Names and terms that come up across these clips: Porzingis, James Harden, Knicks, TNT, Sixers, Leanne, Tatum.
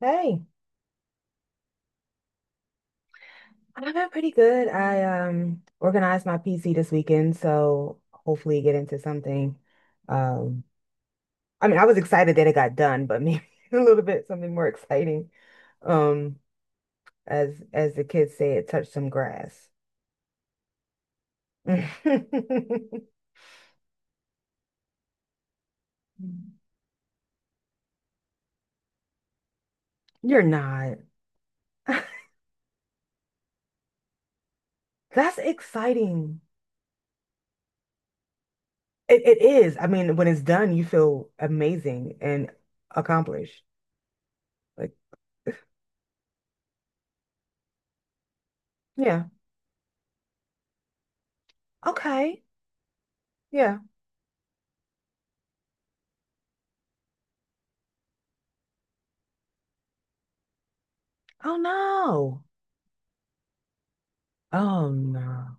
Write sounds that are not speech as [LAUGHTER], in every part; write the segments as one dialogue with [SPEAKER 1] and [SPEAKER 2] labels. [SPEAKER 1] Hey, I've been pretty good. I organized my PC this weekend, so hopefully get into something. Um, I mean, I was excited that it got done, but maybe [LAUGHS] a little bit something more exciting. Um, as the kids say, it touched some grass. [LAUGHS] You're not. [LAUGHS] That's exciting. It is. I mean, when it's done, you feel amazing and accomplished. Like, [LAUGHS] yeah. Okay. Yeah. Oh no. Oh no.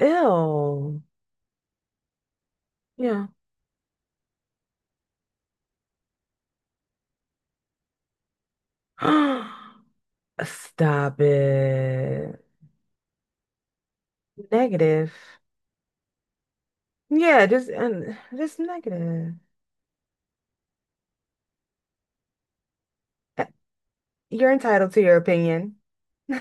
[SPEAKER 1] Ew. Yeah. [GASPS] Stop it. Negative. Yeah, just and just negative. Uh, You're entitled to your opinion. [LAUGHS]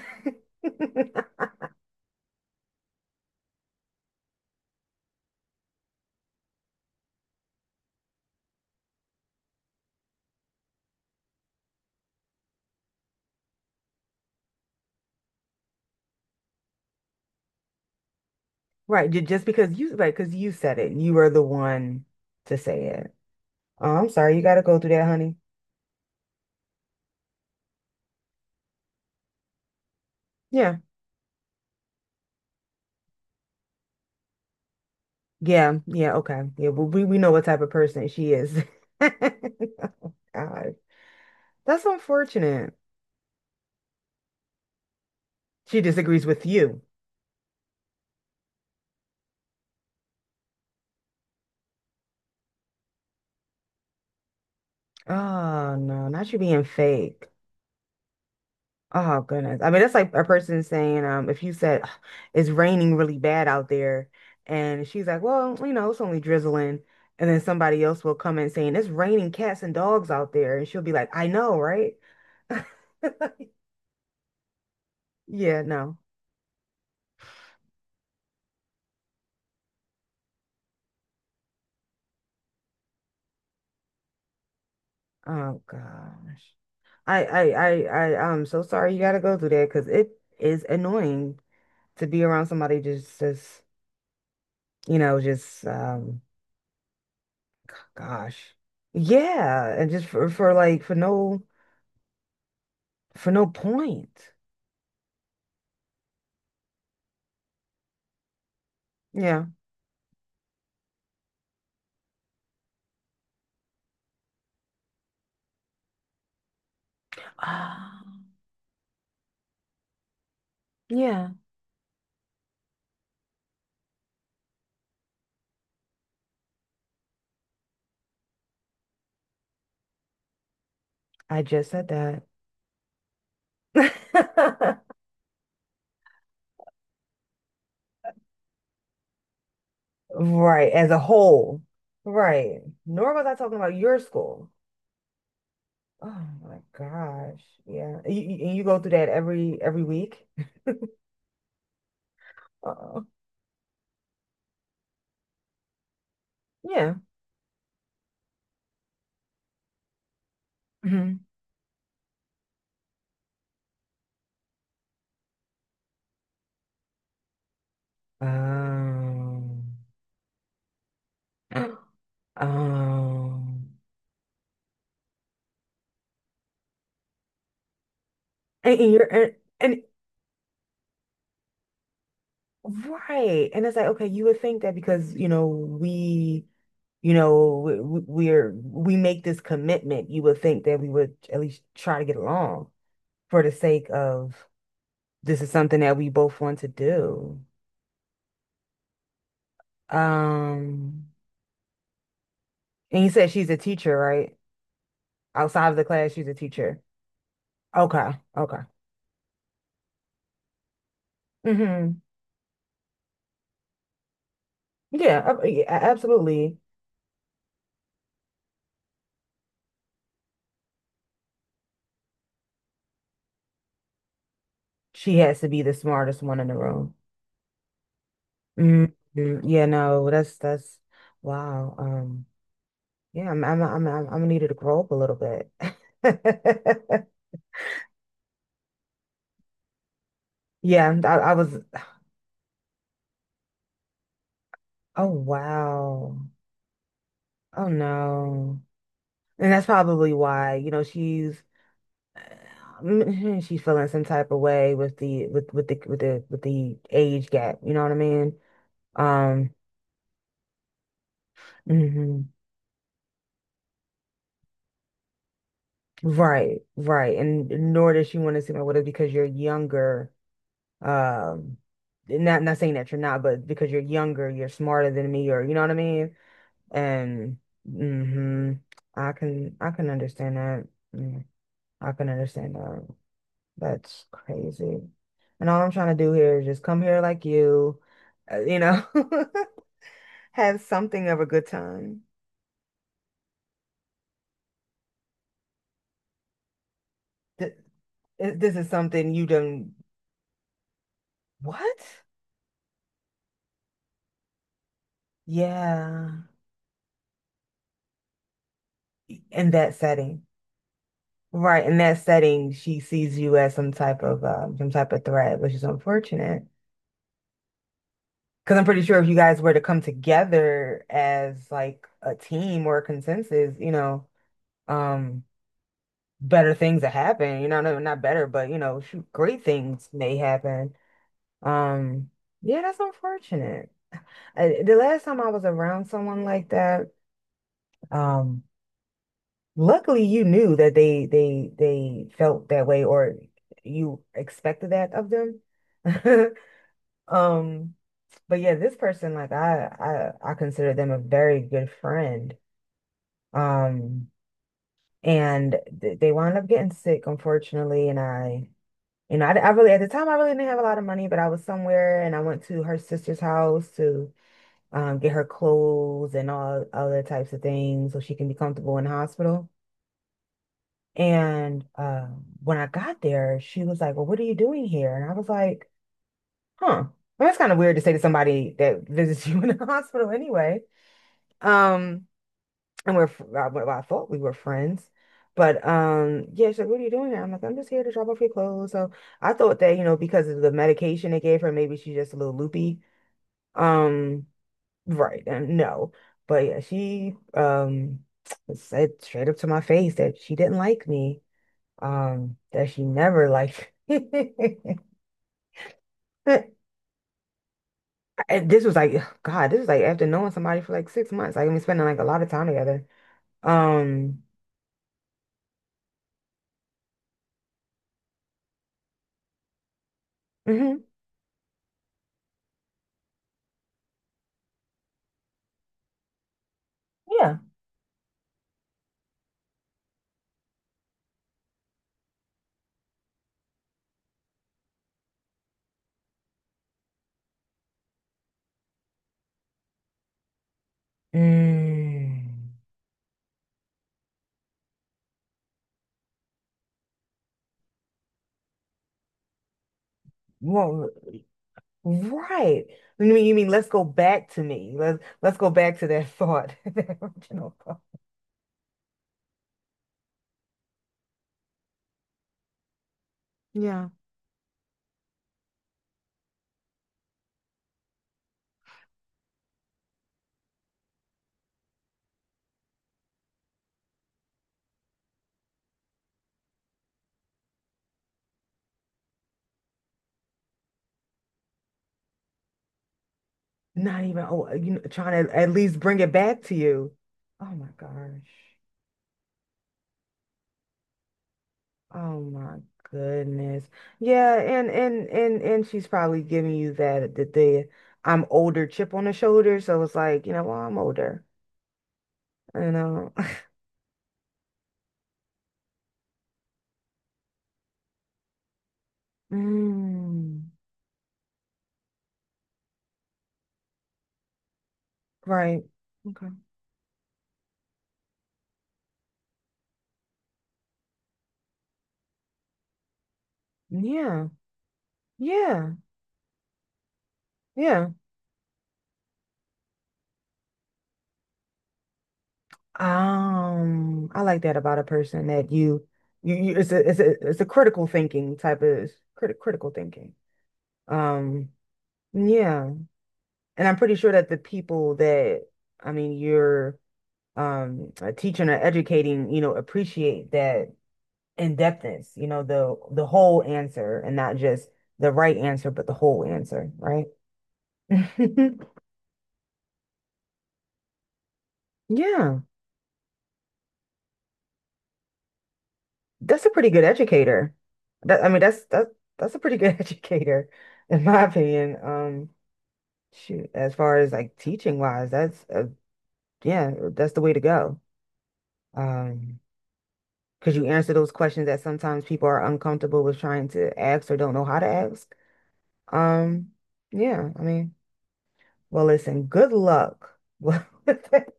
[SPEAKER 1] Right, just because you right, because you said it. You were the one to say it. Oh, I'm sorry, you gotta go through that, honey. Yeah. Yeah, yeah, okay. Yeah, well, we know what type of person she is. [LAUGHS] God, that's unfortunate. She disagrees with you. Oh no, not you being fake. Oh goodness. I mean, that's like a person saying, if you said, "Ugh, it's raining really bad out there," and she's like, "Well, you know, it's only drizzling," and then somebody else will come in saying it's raining cats and dogs out there, and she'll be like, "I know, right?" [LAUGHS] Yeah, no. Oh gosh. I I I I'm so sorry you gotta go through that because it is annoying to be around somebody just just. Gosh. Yeah, and just for like for no point. Yeah. Ah, yeah. I just said that. [LAUGHS] Right, as a whole. Right. Nor was I talking about your school. Oh my gosh. Yeah. And you go through that every week? Oh, yeah. Hmm. Um, [GASPS] um, and you're and. Right. And it's like, okay, you would think that because, you know, you know, we're, we make this commitment, you would think that we would at least try to get along for the sake of this is something that we both want to do. Um, and you said she's a teacher, right? Outside of the class, she's a teacher. Okay. Okay. Hmm. Yeah, yeah, absolutely. She has to be the smartest one in the room. Hmm. Yeah, no, wow. Yeah, I'm gonna grow up a little bit. [LAUGHS] Yeah, I was. Oh wow. Oh no. And that's probably why, you know, she's mm, she's feeling some type of way with the age gap. You know what I mean? Um. Mhm. Right. Right. And nor does she want to seem like what it is because you're younger. Um. Not not saying that you're not, but because you're younger, you're smarter than me, or you know what I mean? And hmm I can understand that. Mm, I can understand that. That's crazy. And all I'm trying to do here is just come here like you, you know, [LAUGHS] have something of a good time. Th- This is something you done what? Yeah. In that setting. Right. In that setting, she sees you as some type of threat, which is unfortunate. Because I'm pretty sure if you guys were to come together as like a team or a consensus, you know, um, better things that happen. You know, no, not better, but you know, shoot, great things may happen. Um, yeah, that's unfortunate. The last time I was around someone like that, um, luckily you knew that they felt that way or you expected that of them. [LAUGHS] Um, but yeah, this person, like I consider them a very good friend. Um, and th they wound up getting sick, unfortunately. And you know, I really, at the time, I really didn't have a lot of money, but I was somewhere and I went to her sister's house to get her clothes and all other types of things so she can be comfortable in the hospital. And when I got there, she was like, "Well, what are you doing here?" And I was like, huh. Well, that's kind of weird to say to somebody that [LAUGHS] visits you in the [LAUGHS] hospital anyway. Um, And we're, well, I thought we were friends. But yeah, she's like, "What are you doing here?" I'm like, "I'm just here to drop off your clothes." So I thought that, you know, because of the medication they gave her, maybe she's just a little loopy. Um, right. And no. But yeah, she [TSK] said straight up to my face that she didn't like me. That she never liked me. [LAUGHS] And this was like, [SIGHS] God, this was like after knowing somebody for like six months. Like, I mean, spending like a lot of time together. Um, mhm, yeah. Mm. Well, right. You mean let's go back to me. Let's go back to that thought, [LAUGHS] that original thought. Yeah. Not even, oh, you know, trying to at least bring it back to you. Oh my gosh. Oh my goodness. Yeah, and she's probably giving you that the I'm older chip on the shoulder. So it's like, you know, well, I'm older, you know. [LAUGHS] Mm, right. Okay. Yeah. Yeah. Yeah. I like that about a person that you it's a critical thinking type of critical thinking. Um, yeah, and I'm pretty sure that the people that, I mean, you're teaching or educating, you know, appreciate that in-depthness, you know, the whole answer and not just the right answer, but the whole answer, right? [LAUGHS] Yeah. That's a pretty good educator. That I mean, that's a pretty good [LAUGHS] educator, in my opinion. Shoot, as far as like teaching wise, that's yeah, that's the way to go. Um, because you answer those questions that sometimes people are uncomfortable with trying to ask or don't know how to ask. Um, yeah, I mean, well, listen, good luck [LAUGHS] with that-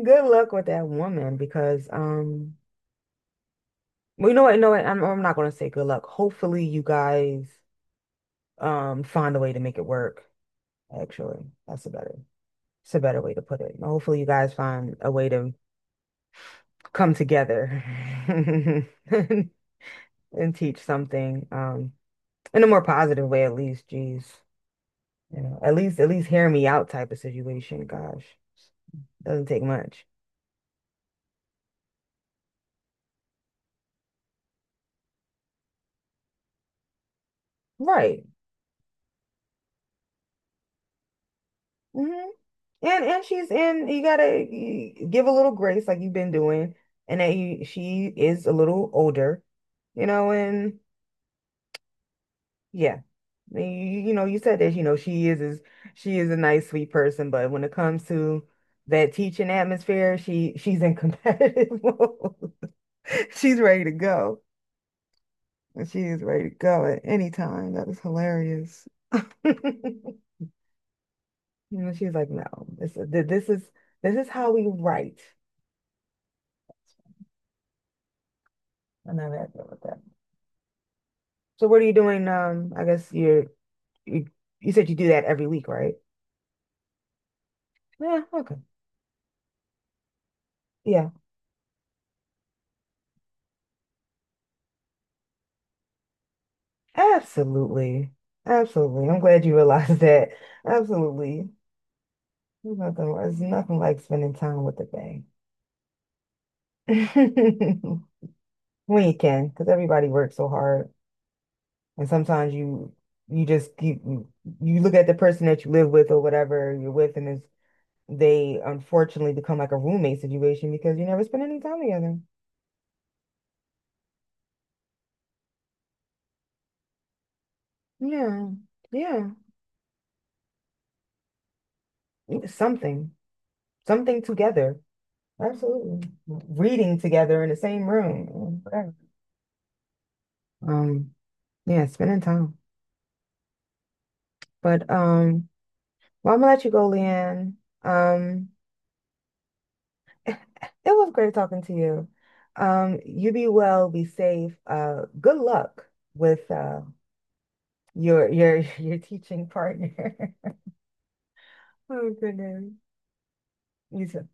[SPEAKER 1] good luck with that woman because well, you know what? You know what? I'm not gonna say good luck. Hopefully, you guys find a way to make it work, actually. That's a better it's a better way to put it. And hopefully you guys find a way to come together [LAUGHS] and teach something in a more positive way, at least. Geez, you know, at least hear me out type of situation. Gosh, doesn't take much. Right. Hmm. And she's in you gotta give a little grace like you've been doing. And that you she is a little older, you know. And yeah. You know, you said that, you know, she is she is a nice, sweet person, but when it comes to that teaching atmosphere, she's in competitive [LAUGHS] mode. She's ready to go. She is ready to go at any time. That was hilarious. [LAUGHS] You know, she's like, no, this th- this is this is how we write. I never had to deal with that. So what are you doing? I guess you're you, you said you do that every week, right? Yeah, okay. Yeah. Absolutely. Absolutely. I'm glad you realized that. Absolutely. There's nothing like spending time with the thing. [LAUGHS] When you can, because everybody works so hard. And sometimes you you just keep you look at the person that you live with or whatever you're with, and it's, they unfortunately become like a roommate situation because you never spend any time together. Yeah. Yeah. Something. Something together. Absolutely. Reading together in the same room. Um, yeah, spending time. But well, I'm gonna let you go, Leanne. Um, it was great talking to you. You be well, be safe. Good luck with your [LAUGHS] your teaching partner. [LAUGHS] Oh goodness. You too.